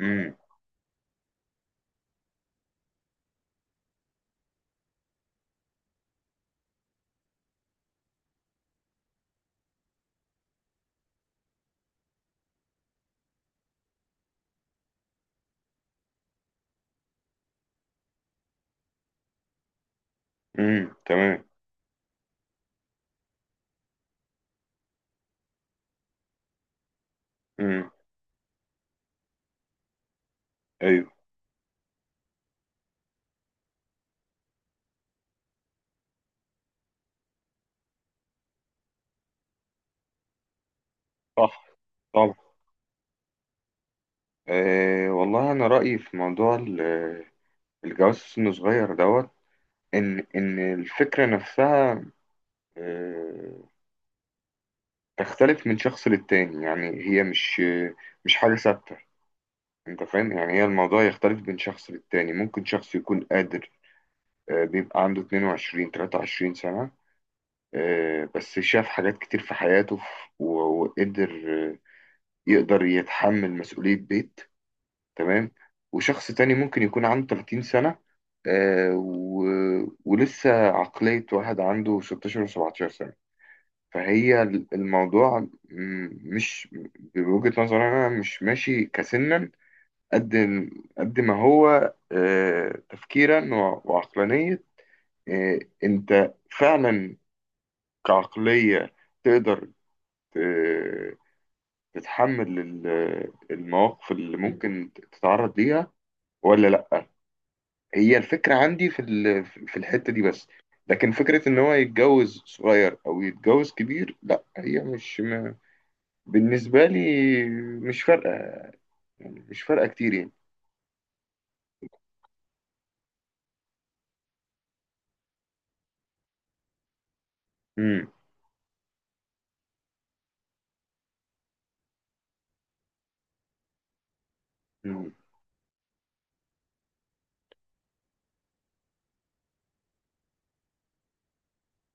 امم. امم. تمام. امم. ايوه. صح. طبعا. والله انا رايي في موضوع الجواز في سن صغير دوت. ان الفكره نفسها أه تختلف من شخص للتاني، يعني هي مش حاجه ثابته. انت فاهم؟ يعني هي الموضوع يختلف من شخص للتاني. ممكن شخص يكون قادر، بيبقى عنده 22 23 سنه، بس شاف حاجات كتير في حياته، وقدر، آه، يقدر يتحمل مسؤوليه بيت. تمام. وشخص تاني ممكن يكون عنده 30 سنة، آه، و... ولسه عقلية واحد عنده 16 و17 سنة. فهي الموضوع مش بوجهة نظري أنا مش ماشي كسنا، قد قد ما هو تفكيرا وعقلانية. آه، أنت فعلا كعقلية تقدر ت- تتحمل المواقف اللي ممكن تتعرض ليها ولا لأ. هي الفكرة عندي في الحتة دي بس. لكن فكرة إن هو يتجوز صغير أو يتجوز كبير، لا هي مش بالنسبة لي مش فارقة، يعني مش فارقة كتير يعني. مم. مم.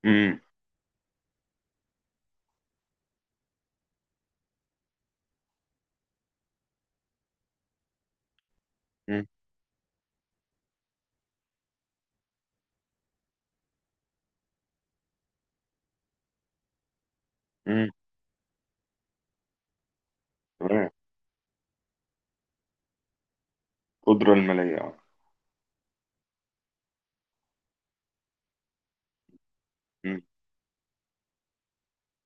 مم. مم. مم. تمام. قدرة المالية آه. مم.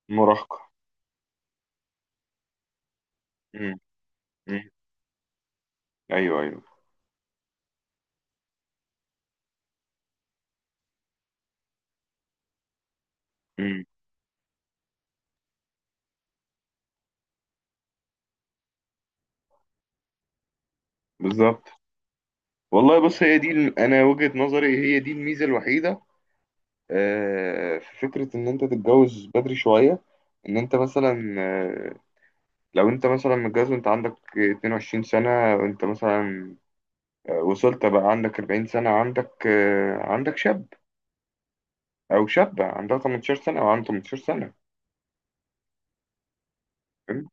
مراهقة. مم. مم. أيوه، أيوه. مم. بالظبط. والله بص، هي دي أنا وجهة نظري، هي دي الميزة الوحيدة، في فكرة إن أنت تتجوز بدري شوية. إن أنت مثلا لو انت مثلا متجوز وانت عندك 22 سنة، وانت مثلا وصلت بقى عندك 40 سنة، عندك شاب او شابة عندها 18 سنة او عندها 18 سنة. فاهم؟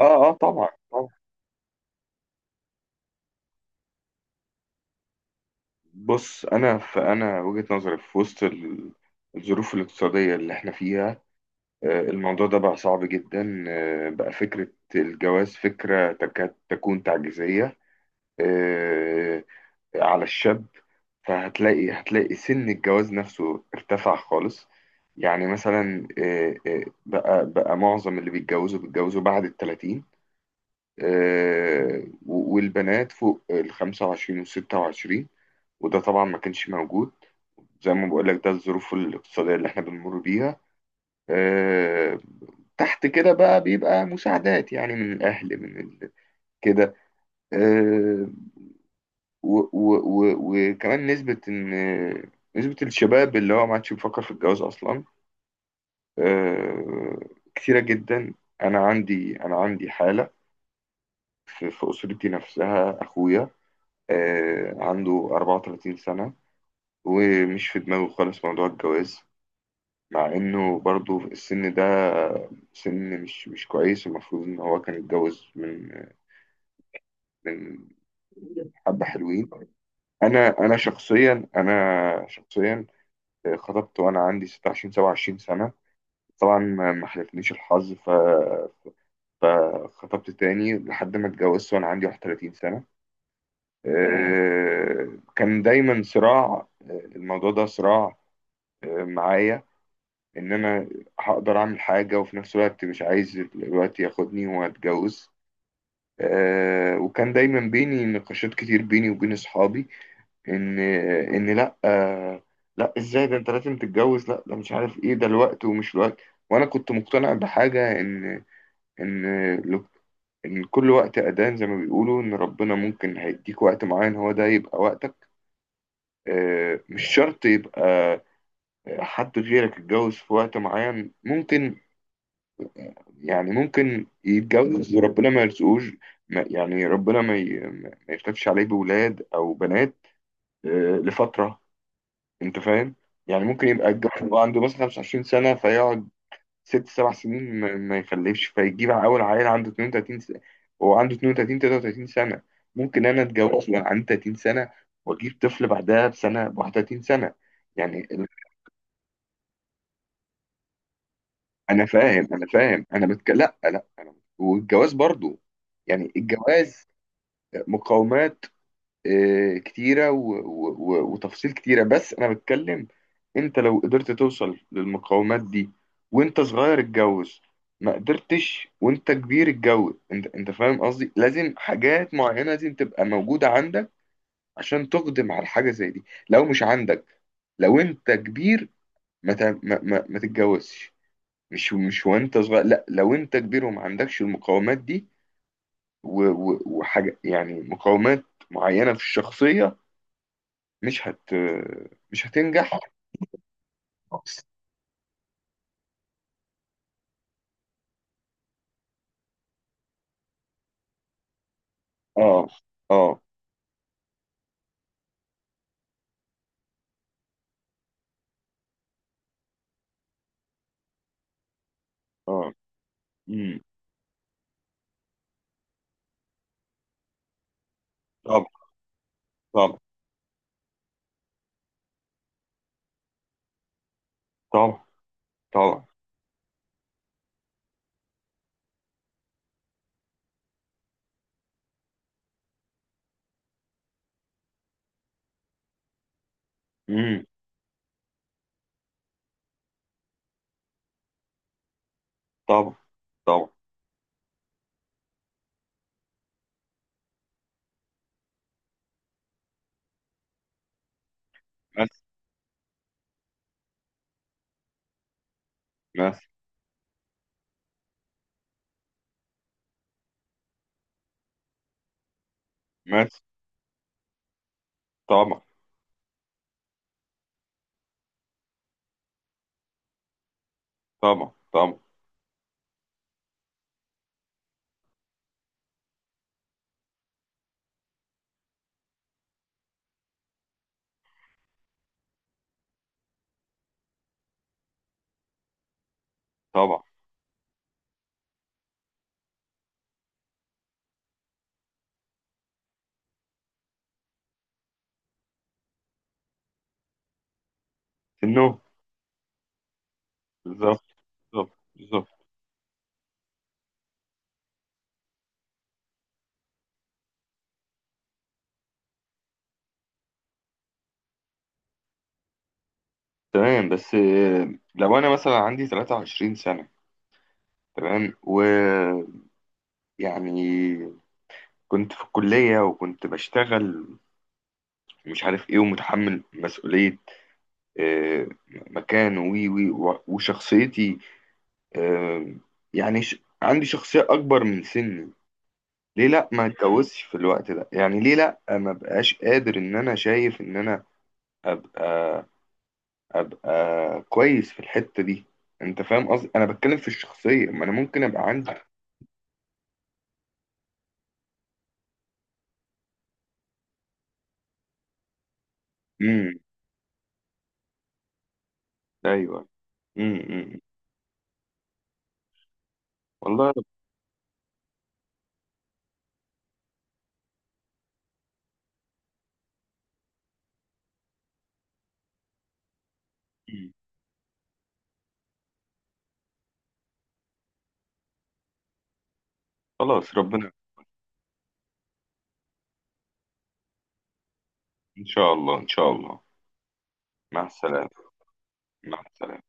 اه، اه، طبعا، طبعا. بص، فانا وجهة نظري في وسط الظروف الاقتصادية اللي احنا فيها، الموضوع ده بقى صعب جدا، آه، بقى فكرة الجواز فكرة تكاد تكون تعجيزية، آه، على الشاب. فهتلاقي سن الجواز نفسه ارتفع خالص. يعني مثلا بقى معظم اللي بيتجوزوا بعد التلاتين، والبنات فوق الخمسة وعشرين والستة وعشرين. وده طبعا ما كانش موجود. زي ما بقول لك، ده الظروف الاقتصادية اللي احنا بنمر بيها، آه، تحت كده بقى بيبقى مساعدات يعني من الأهل من كده. آه، و و و وكمان نسبة إن نسبة الشباب اللي هو ما عادش بيفكر في الجواز أصلا، آه، كتيرة جدا. أنا عندي حالة في أسرتي نفسها، أخويا عنده 34 سنة ومش في دماغه خالص موضوع الجواز، مع إنه برضه السن ده سن مش كويس، المفروض إن هو كان يتجوز من من حبة حلوين. أنا شخصيا خطبت وأنا عندي 26 27 سنة. طبعا ما حالفنيش الحظ، فخطبت تاني لحد ما اتجوزت وأنا عندي 31 سنة. كان دايما صراع، الموضوع ده صراع، معايا. إن أنا هقدر أعمل حاجة وفي نفس الوقت مش عايز الوقت ياخدني وأتجوز. وكان دايما بيني نقاشات كتير بيني وبين أصحابي، ان ان لا لا، ازاي ده، انت لازم تتجوز، لا ده مش عارف ايه، ده الوقت ومش الوقت. وانا كنت مقتنع بحاجه، ان لو- ان كل وقت اذان، زي ما بيقولوا، ان ربنا ممكن هيديك وقت معين، هو ده يبقى وقتك. مش شرط يبقى حد غيرك اتجوز في وقت معين، ممكن يعني ممكن يتجوز وربنا ما يرزقوش. يعني ربنا ما يكتبش عليه بولاد او بنات، آه، لفتره. انت فاهم؟ يعني ممكن يبقى الجواز، يبقى عنده مثلا 25 سنة فيقعد ست سبع سنين ما يخلفش، فيجيب أول عيل عنده 32 سنة، هو عنده 32 33 سنة. ممكن أنا أتجوز وأنا عندي 30 سنة وأجيب طفل بعدها بسنة ب 31 سنة. يعني أنا فاهم، لا، لا، أنا والجواز برضو، يعني الجواز مقاومات كتيرة و... و... و... وتفاصيل كتيرة، بس أنا بتكلم. أنت لو قدرت توصل للمقاومات دي وأنت صغير، اتجوز. ما قدرتش وأنت كبير، اتجوز. أنت فاهم قصدي، لازم حاجات معينة لازم تبقى موجودة عندك عشان تقدم على حاجة زي دي. لو مش عندك، لو أنت كبير، ما ت... ما... ما... ما تتجوزش. مش وأنت صغير، لا، لو أنت كبير وما عندكش المقاومات دي و... و... وحاجة، يعني مقاومات معينة في الشخصية، مش هت مش هتنجح خالص. اه، اه، اه. امم. طبعا، طبعا، طبعا، طبعا. امم. طبعا، طبعا. بس، بس، بس. طبعا، طبعا، طبعا، طبعا. في النوم. بالظبط، بالظبط، بالظبط. تمام. بس لو انا مثلا عندي 23 سنة، تمام، ويعني كنت في الكلية وكنت بشتغل مش عارف ايه، ومتحمل مسؤولية آه، مكان، وي وي وشخصيتي، آه، عندي شخصية أكبر من سني، ليه لأ ما اتجوزش في الوقت ده؟ يعني ليه لأ ما بقاش قادر؟ إن أنا شايف إن أنا أبقى أبقى كويس في الحتة دي. أنت فاهم قصدي؟ أنا بتكلم في الشخصية، ما أنا ممكن أبقى عندي. امم. أيوه. امم. أمم. والله رب... مم. خلاص، ربنا. إن شاء الله، إن شاء الله. مع السلامة. مع السلامة.